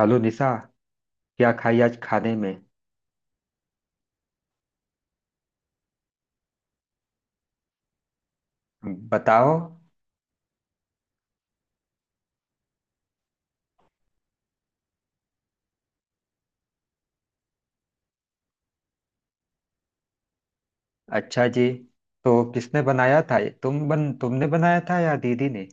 Hello Nisha. क्या खाई आज खाने में? बताओ। अच्छा जी। तो किसने बनाया था? तुमने बनाया था या दीदी ने?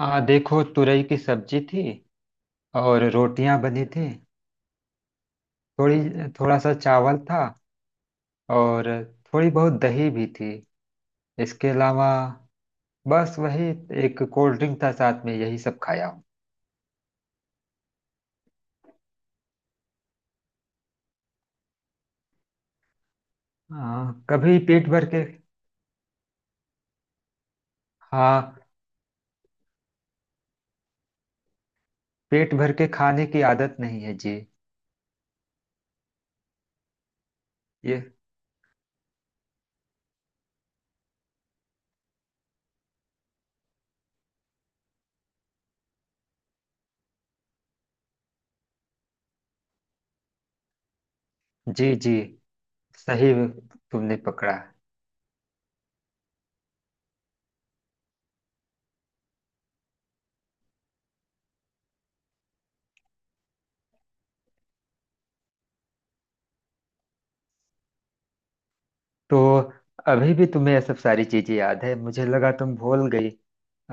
आ देखो, तुरई की सब्जी थी और रोटियां बनी थी। थोड़ी थोड़ा सा चावल था, और थोड़ी बहुत दही भी थी। इसके अलावा बस वही, एक कोल्ड ड्रिंक था साथ में, यही सब खाया हूँ। हाँ, कभी पेट भर के। हाँ, पेट भर के खाने की आदत नहीं है जी। ये जी जी, सही में, तुमने पकड़ा। तो अभी भी तुम्हें ये सब सारी चीजें याद है? मुझे लगा तुम भूल गई।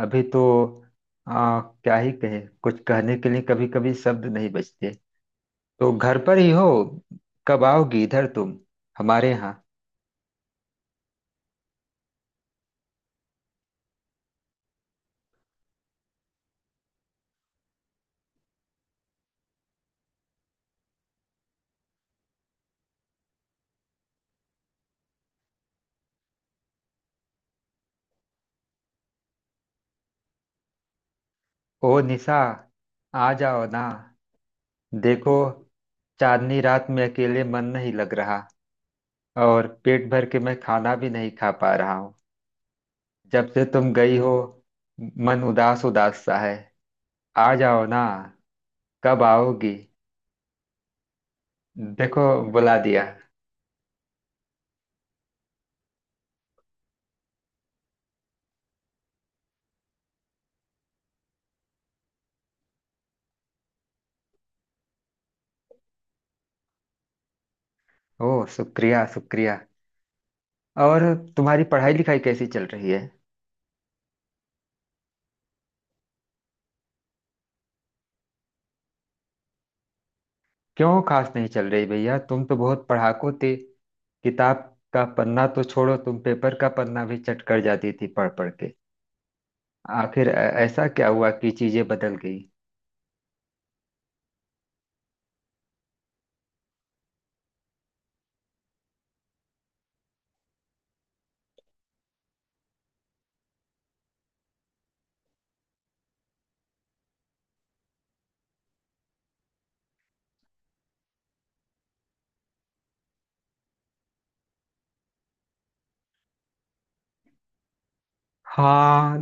अभी तो क्या ही कहे, कुछ कहने के लिए कभी कभी शब्द नहीं बचते। तो घर पर ही हो? कब आओगी इधर तुम, हमारे यहाँ? ओ निशा, आ जाओ ना। देखो, चांदनी रात में अकेले मन नहीं लग रहा, और पेट भर के मैं खाना भी नहीं खा पा रहा हूँ। जब से तुम गई हो, मन उदास उदास सा है। आ जाओ ना। कब आओगी? देखो, बुला दिया। ओह, शुक्रिया शुक्रिया। और तुम्हारी पढ़ाई लिखाई कैसी चल रही है? क्यों खास नहीं चल रही, भैया तुम तो बहुत पढ़ाकू थे। किताब का पन्ना तो छोड़ो, तुम पेपर का पन्ना भी चट कर जाती थी पढ़ पढ़ के। आखिर ऐसा क्या हुआ कि चीजें बदल गई? हाँ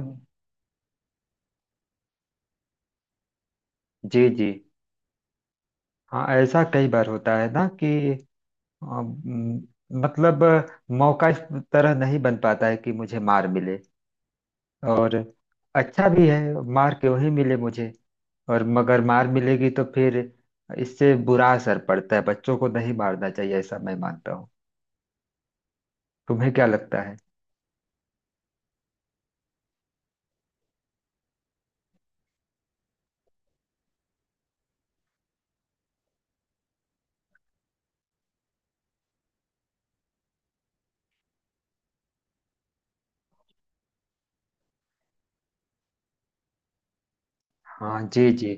जी जी। हाँ, ऐसा कई बार होता है ना कि अम, मतलब मौका इस तरह नहीं बन पाता है कि मुझे मार मिले। और अच्छा भी है, मार क्यों ही मिले मुझे। और मगर मार मिलेगी तो फिर इससे बुरा असर पड़ता है। बच्चों को नहीं मारना चाहिए, ऐसा मैं मानता हूँ। तुम्हें क्या लगता है? हाँ जी जी।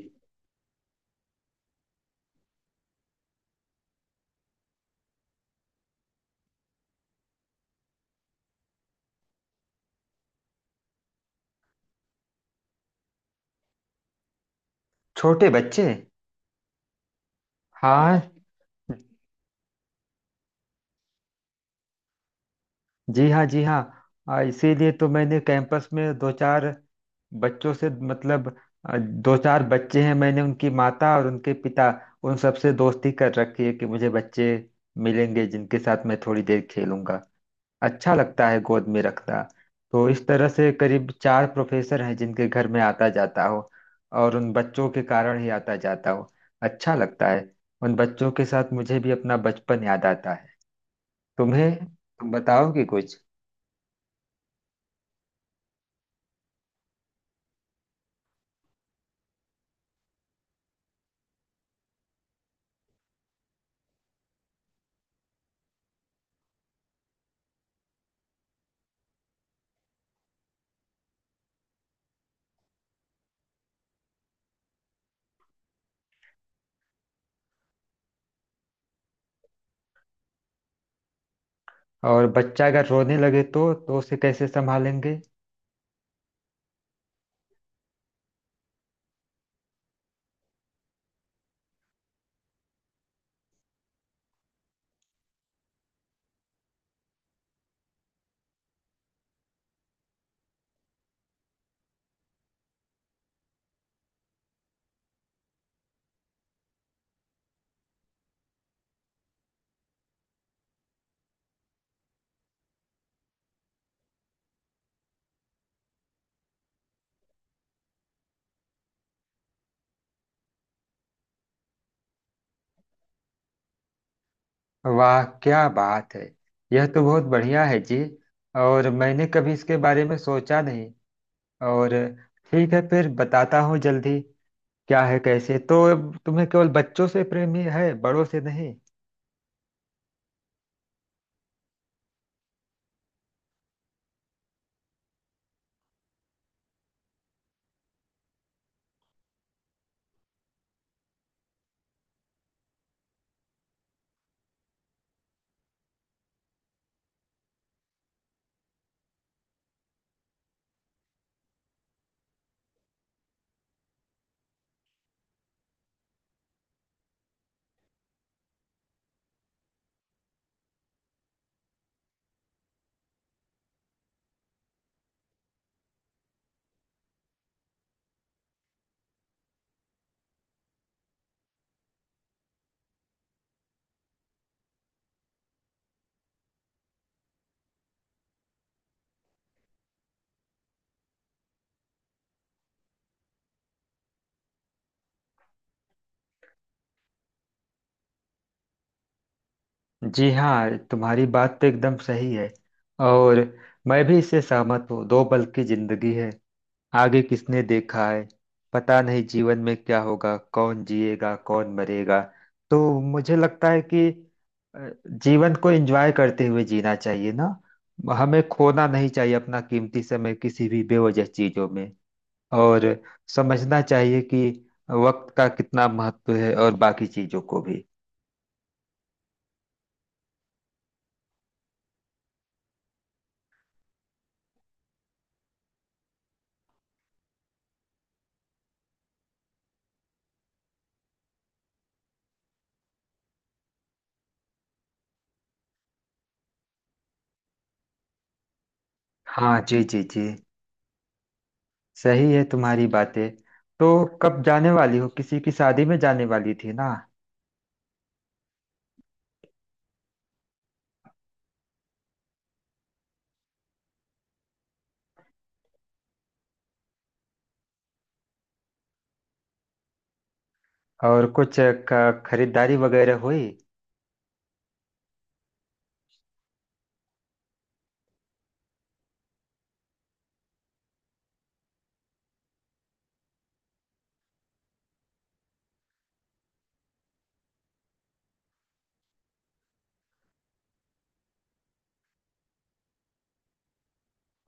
छोटे बच्चे? हाँ। जी हाँ जी हाँ। इसीलिए तो मैंने कैंपस में दो चार बच्चों से, मतलब दो चार बच्चे हैं, मैंने उनकी माता और उनके पिता, उन सबसे दोस्ती कर रखी है कि मुझे बच्चे मिलेंगे जिनके साथ मैं थोड़ी देर खेलूंगा। अच्छा लगता है गोद में रखना। तो इस तरह से करीब चार प्रोफेसर हैं जिनके घर में आता जाता हो, और उन बच्चों के कारण ही आता जाता हो। अच्छा लगता है। उन बच्चों के साथ मुझे भी अपना बचपन याद आता है। तुम्हें, तुम बताओगे कुछ? और बच्चा अगर रोने लगे तो उसे कैसे संभालेंगे? वाह, क्या बात है! यह तो बहुत बढ़िया है जी। और मैंने कभी इसके बारे में सोचा नहीं। और ठीक है, फिर बताता हूँ जल्दी। क्या है, कैसे तो तुम्हें केवल बच्चों से प्रेम ही है, बड़ों से नहीं? जी हाँ, तुम्हारी बात तो एकदम सही है। और मैं भी इससे सहमत हूँ। दो पल की जिंदगी है, आगे किसने देखा है। पता नहीं जीवन में क्या होगा, कौन जिएगा कौन मरेगा। तो मुझे लगता है कि जीवन को एंजॉय करते हुए जीना चाहिए ना। हमें खोना नहीं चाहिए अपना कीमती समय किसी भी बेवजह चीजों में। और समझना चाहिए कि वक्त का कितना महत्व है, और बाकी चीजों को भी। हाँ जी जी जी। सही है तुम्हारी बातें। तो कब जाने वाली हो, किसी की शादी में जाने वाली थी ना? और कुछ खरीदारी वगैरह हुई?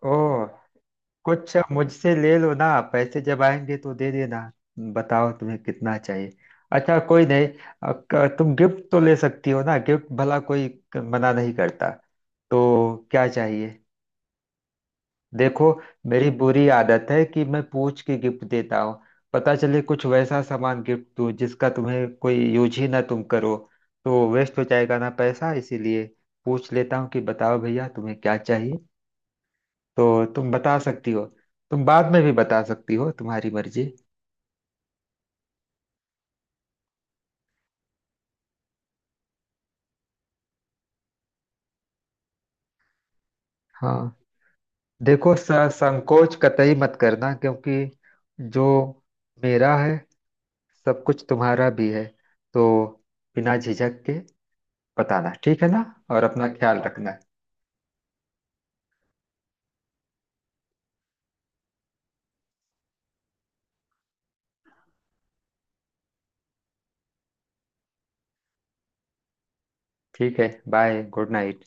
ओह, कुछ मुझसे ले लो ना, पैसे जब आएंगे तो दे देना। बताओ तुम्हें कितना चाहिए। अच्छा कोई नहीं, तुम गिफ्ट तो ले सकती हो ना, गिफ्ट भला कोई मना नहीं करता। तो क्या चाहिए? देखो, मेरी बुरी आदत है कि मैं पूछ के गिफ्ट देता हूँ। पता चले कुछ वैसा सामान गिफ्ट दूँ जिसका तुम्हें कोई यूज ही ना तुम करो, तो वेस्ट हो जाएगा ना पैसा, इसीलिए पूछ लेता हूँ कि बताओ भैया तुम्हें क्या चाहिए। तो तुम बता सकती हो। तुम बाद में भी बता सकती हो, तुम्हारी मर्जी। हाँ देखो, संकोच कतई मत करना, क्योंकि जो मेरा है सब कुछ तुम्हारा भी है, तो बिना झिझक के बताना, ठीक है ना। और अपना ख्याल रखना। ठीक है। Bye, good night.